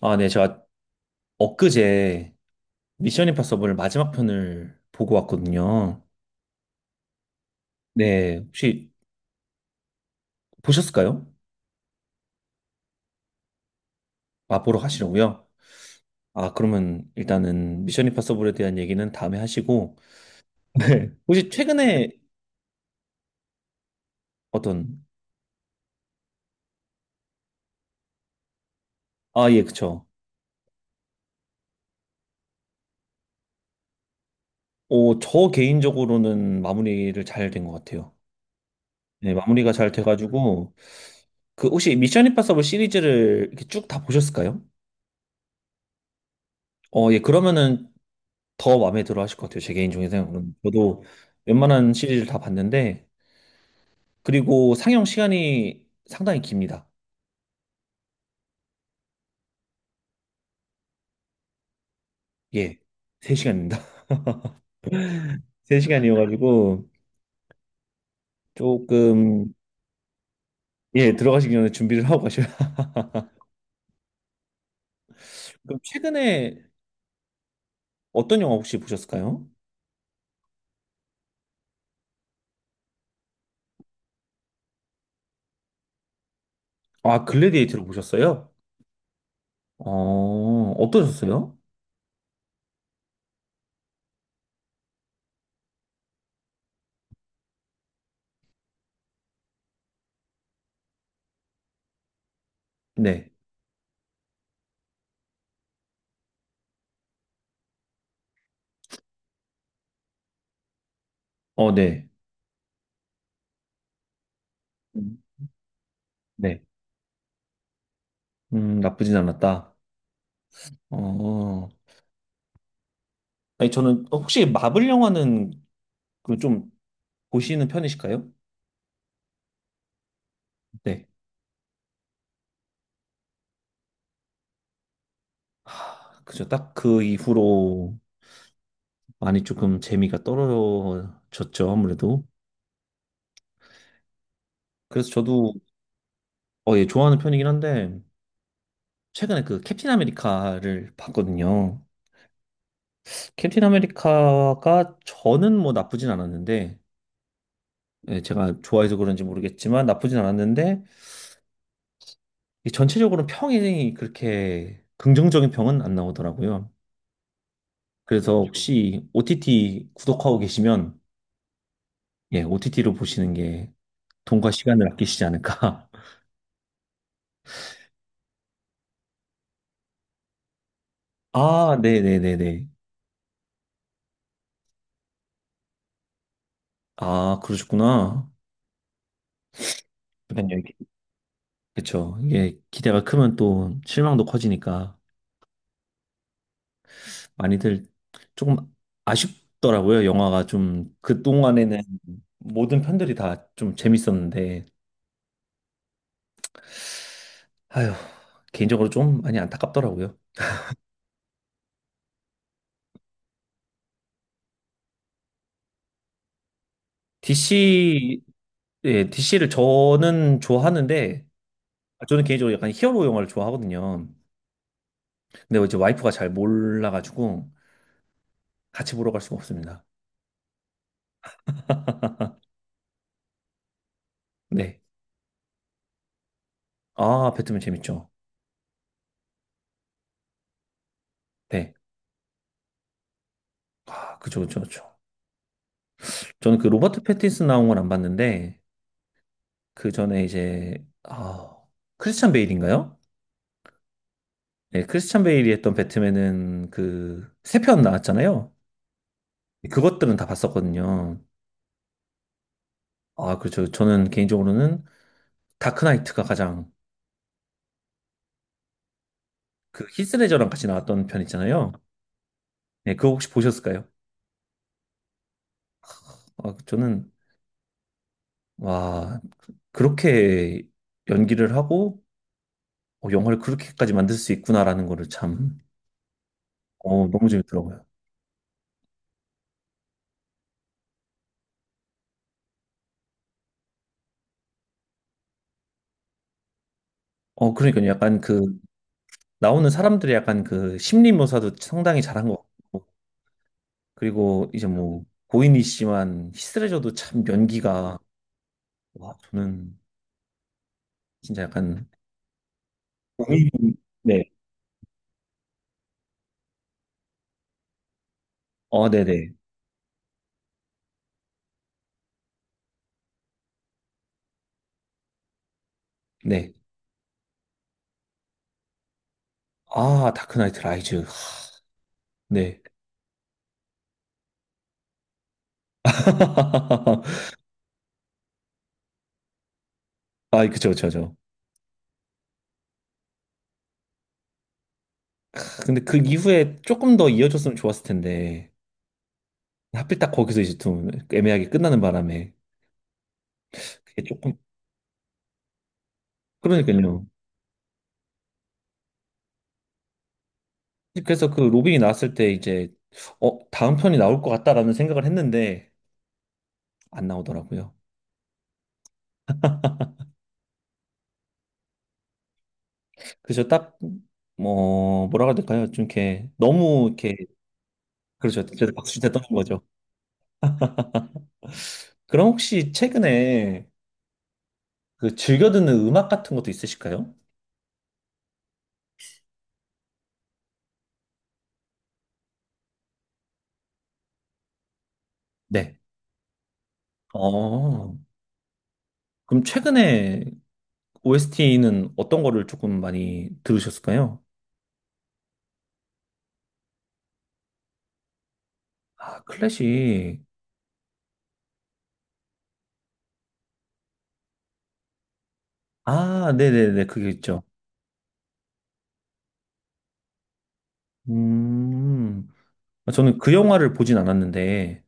아, 네, 제가 엊그제 미션 임파서블 마지막 편을 보고 왔거든요. 네, 혹시 보셨을까요? 아, 보러 가시려고요? 아, 그러면 일단은 미션 임파서블에 대한 얘기는 다음에 하시고, 네. 혹시 최근에 어떤, 아, 예, 그쵸. 어, 저 개인적으로는 마무리를 잘 된 것 같아요. 네, 마무리가 잘 돼가지고, 그 혹시 미션 임파서블 시리즈를 이렇게 쭉 다 보셨을까요? 어, 예, 그러면은 더 마음에 들어 하실 것 같아요. 제 개인적인 생각으로는. 저도 웬만한 시리즈를 다 봤는데, 그리고 상영 시간이 상당히 깁니다. 예. 3시간입니다. 3시간이어가지고, 조금, 예, 들어가시기 전에 준비를 하고 가셔야. 그럼 최근에 어떤 영화 혹시 보셨을까요? 아, 글래디에이터를 보셨어요? 어, 어떠셨어요? 네. 어, 네. 음, 네. 나쁘진 않았다. 어, 아니, 저는 혹시 마블 영화는 그좀 보시는 편이실까요? 네. 그죠. 딱 그 이후로 많이 조금 재미가 떨어졌죠. 아무래도. 그래서 저도 어, 예, 좋아하는 편이긴 한데 최근에 그 캡틴 아메리카를 봤거든요. 캡틴 아메리카가 저는 뭐 나쁘진 않았는데 예, 제가 좋아해서 그런지 모르겠지만 나쁘진 않았는데 이 전체적으로 평이 그렇게 긍정적인 평은 안 나오더라고요. 그래서 그렇죠. 혹시 OTT 구독하고 계시면 예, OTT로 보시는 게 돈과 시간을 아끼시지 않을까. 아, 네네네네. 아, 그러셨구나. 그러요 이게 그쵸. 이게 기대가 크면 또 실망도 커지니까 많이들 조금 아쉽더라고요. 영화가 좀 그동안에는 모든 편들이 다 좀 재밌었는데, 아휴, 개인적으로 좀 많이 안타깝더라고요. DC, 예, DC를 저는 좋아하는데, 아, 저는 개인적으로 약간 히어로 영화를 좋아하거든요. 근데 이제 와이프가 잘 몰라가지고 같이 보러 갈 수가 없습니다. 네. 아, 배트맨 재밌죠. 네. 아, 그쵸, 그쵸, 그쵸. 저는 그 로버트 패틴슨 나온 건 안 봤는데, 그 전에 이제, 아, 크리스찬 베일인가요? 네, 크리스찬 베일이 했던 배트맨은 그, 세 편 나왔잖아요. 그것들은 다 봤었거든요. 아, 그렇죠. 저는 개인적으로는 다크나이트가 가장, 그 히스레저랑 같이 나왔던 편 있잖아요. 네, 그거 혹시 보셨을까요? 아, 저는, 와, 그렇게 연기를 하고, 어, 영화를 그렇게까지 만들 수 있구나라는 거를 참, 어, 너무 재밌더라고요. 어, 그러니까요. 약간 그 나오는 사람들이 약간 그 심리 묘사도 상당히 잘한 것 같고 그리고 이제 뭐 고인이니씨만 히스레저도 참 연기가 와 저는 진짜 약간 고인 네. 어 네네 네. 아 다크나이트 라이즈 네. 아 그죠 그죠 그죠. 근데 그 이후에 조금 더 이어졌으면 좋았을 텐데 하필 딱 거기서 이제 좀 애매하게 끝나는 바람에 그게 조금 그러니까요. 그래서 그 로빈이 나왔을 때 이제 어 다음 편이 나올 것 같다라는 생각을 했는데 안 나오더라고요. 그래서 딱, 뭐, 뭐라 그래야 될까요? 좀 이렇게, 너무 이렇게, 그렇죠. 그래도 박수칠 때 떠는 거죠. 그럼 혹시 최근에 그 즐겨 듣는 음악 같은 것도 있으실까요? 네. 어, 그럼 최근에 OST는 어떤 거를 조금 많이 들으셨을까요? 아, 클래식. 아, 네네네. 그게 있죠. 음, 아, 저는 그 영화를 보진 않았는데,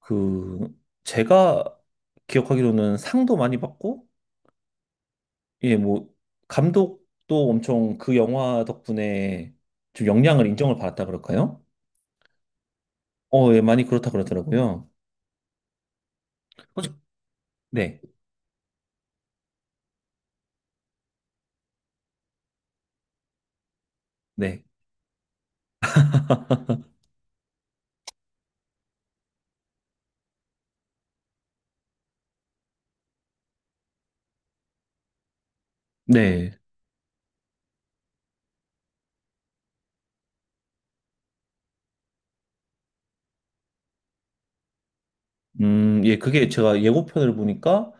그, 제가 기억하기로는 상도 많이 받고, 예, 뭐, 감독도 엄청 그 영화 덕분에 좀 역량을 인정을 받았다 그럴까요? 어, 예, 많이 그렇다 그러더라고요. 혹시, 네, 네, 네. 예, 그게 제가 예고편을 보니까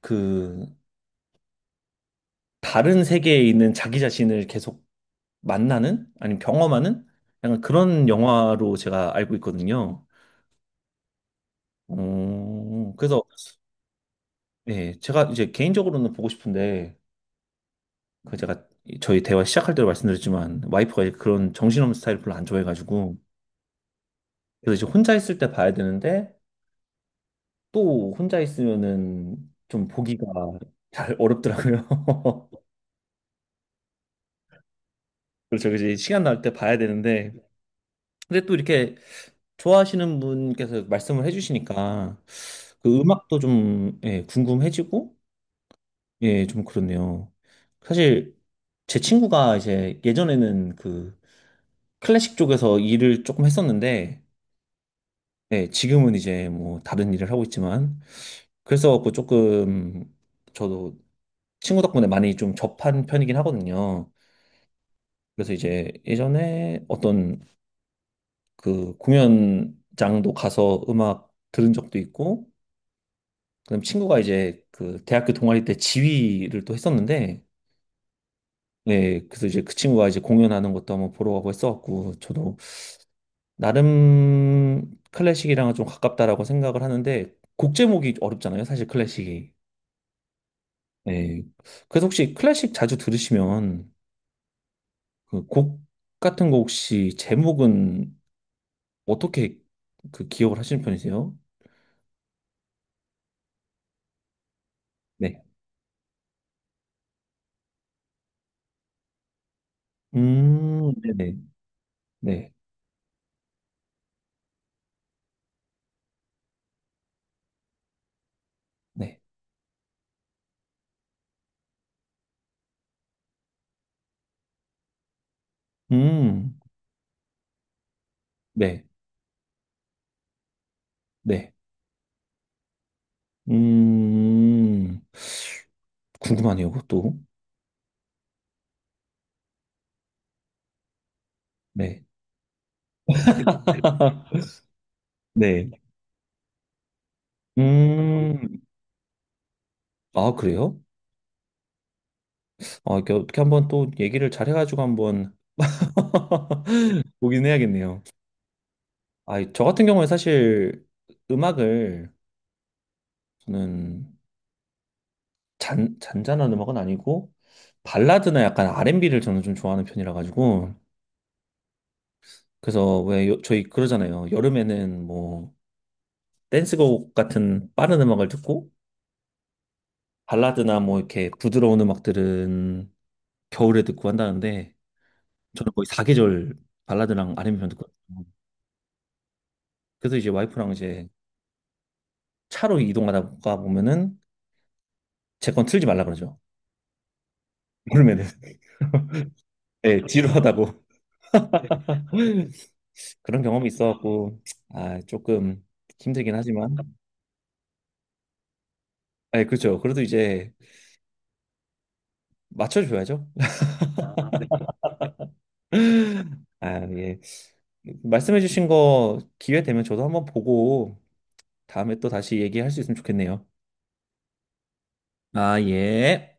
그, 다른 세계에 있는 자기 자신을 계속 만나는? 아니면 경험하는? 약간 그런 영화로 제가 알고 있거든요. 어, 그래서, 예, 제가 이제 개인적으로는 보고 싶은데, 그 제가 저희 대화 시작할 때도 말씀드렸지만 와이프가 이제 그런 정신없는 스타일 별로 안 좋아해가지고 그래서 이제 혼자 있을 때 봐야 되는데 또 혼자 있으면은 좀 보기가 잘 어렵더라고요. 그래서 이제 시간 날 때 봐야 되는데 근데 또 이렇게 좋아하시는 분께서 말씀을 해주시니까 그 음악도 좀 예, 궁금해지고 예, 좀 그렇네요. 사실 제 친구가 이제 예전에는 그 클래식 쪽에서 일을 조금 했었는데 네, 지금은 이제 뭐 다른 일을 하고 있지만 그래서 갖고 조금 저도 친구 덕분에 많이 좀 접한 편이긴 하거든요. 그래서 이제 예전에 어떤 그 공연장도 가서 음악 들은 적도 있고 그다음 친구가 이제 그 대학교 동아리 때 지휘를 또 했었는데 네, 그래서 이제 그 친구가 이제 공연하는 것도 한번 보러 가고 했어갖고 저도 나름 클래식이랑은 좀 가깝다라고 생각을 하는데 곡 제목이 어렵잖아요, 사실 클래식이. 네. 그래서 혹시 클래식 자주 들으시면 그 곡 같은 거 혹시 제목은 어떻게 그 기억을 하시는 편이세요? 네. 네네. 네. 네. 음, 네. 네. 음, 궁금하네요, 그것도. 네. 네. 음, 아, 그래요? 아, 이렇게 어떻게 한번 또 얘기를 잘해가지고 한번 보긴 해야겠네요. 아, 저 같은 경우는 사실 음악을 저는 잔잔한 음악은 아니고 발라드나 약간 R&B를 저는 좀 좋아하는 편이라 가지고 그래서 왜 요- 저희 그러잖아요. 여름에는 뭐 댄스곡 같은 빠른 음악을 듣고 발라드나 뭐 이렇게 부드러운 음악들은 겨울에 듣고 한다는데 저는 거의 사계절 발라드랑 R&B만 듣고 그래서 이제 와이프랑 이제 차로 이동하다가 보면은 제 건 틀지 말라 그러죠. 여름에는 네, 지루하다고 그런 경험이 있어갖고 아 조금 힘들긴 하지만 네, 그렇죠. 그래도 이제 맞춰줘야죠. 아, 네. 아, 예. 말씀해주신 거 기회 되면 저도 한번 보고 다음에 또 다시 얘기할 수 있으면 좋겠네요. 아, 예.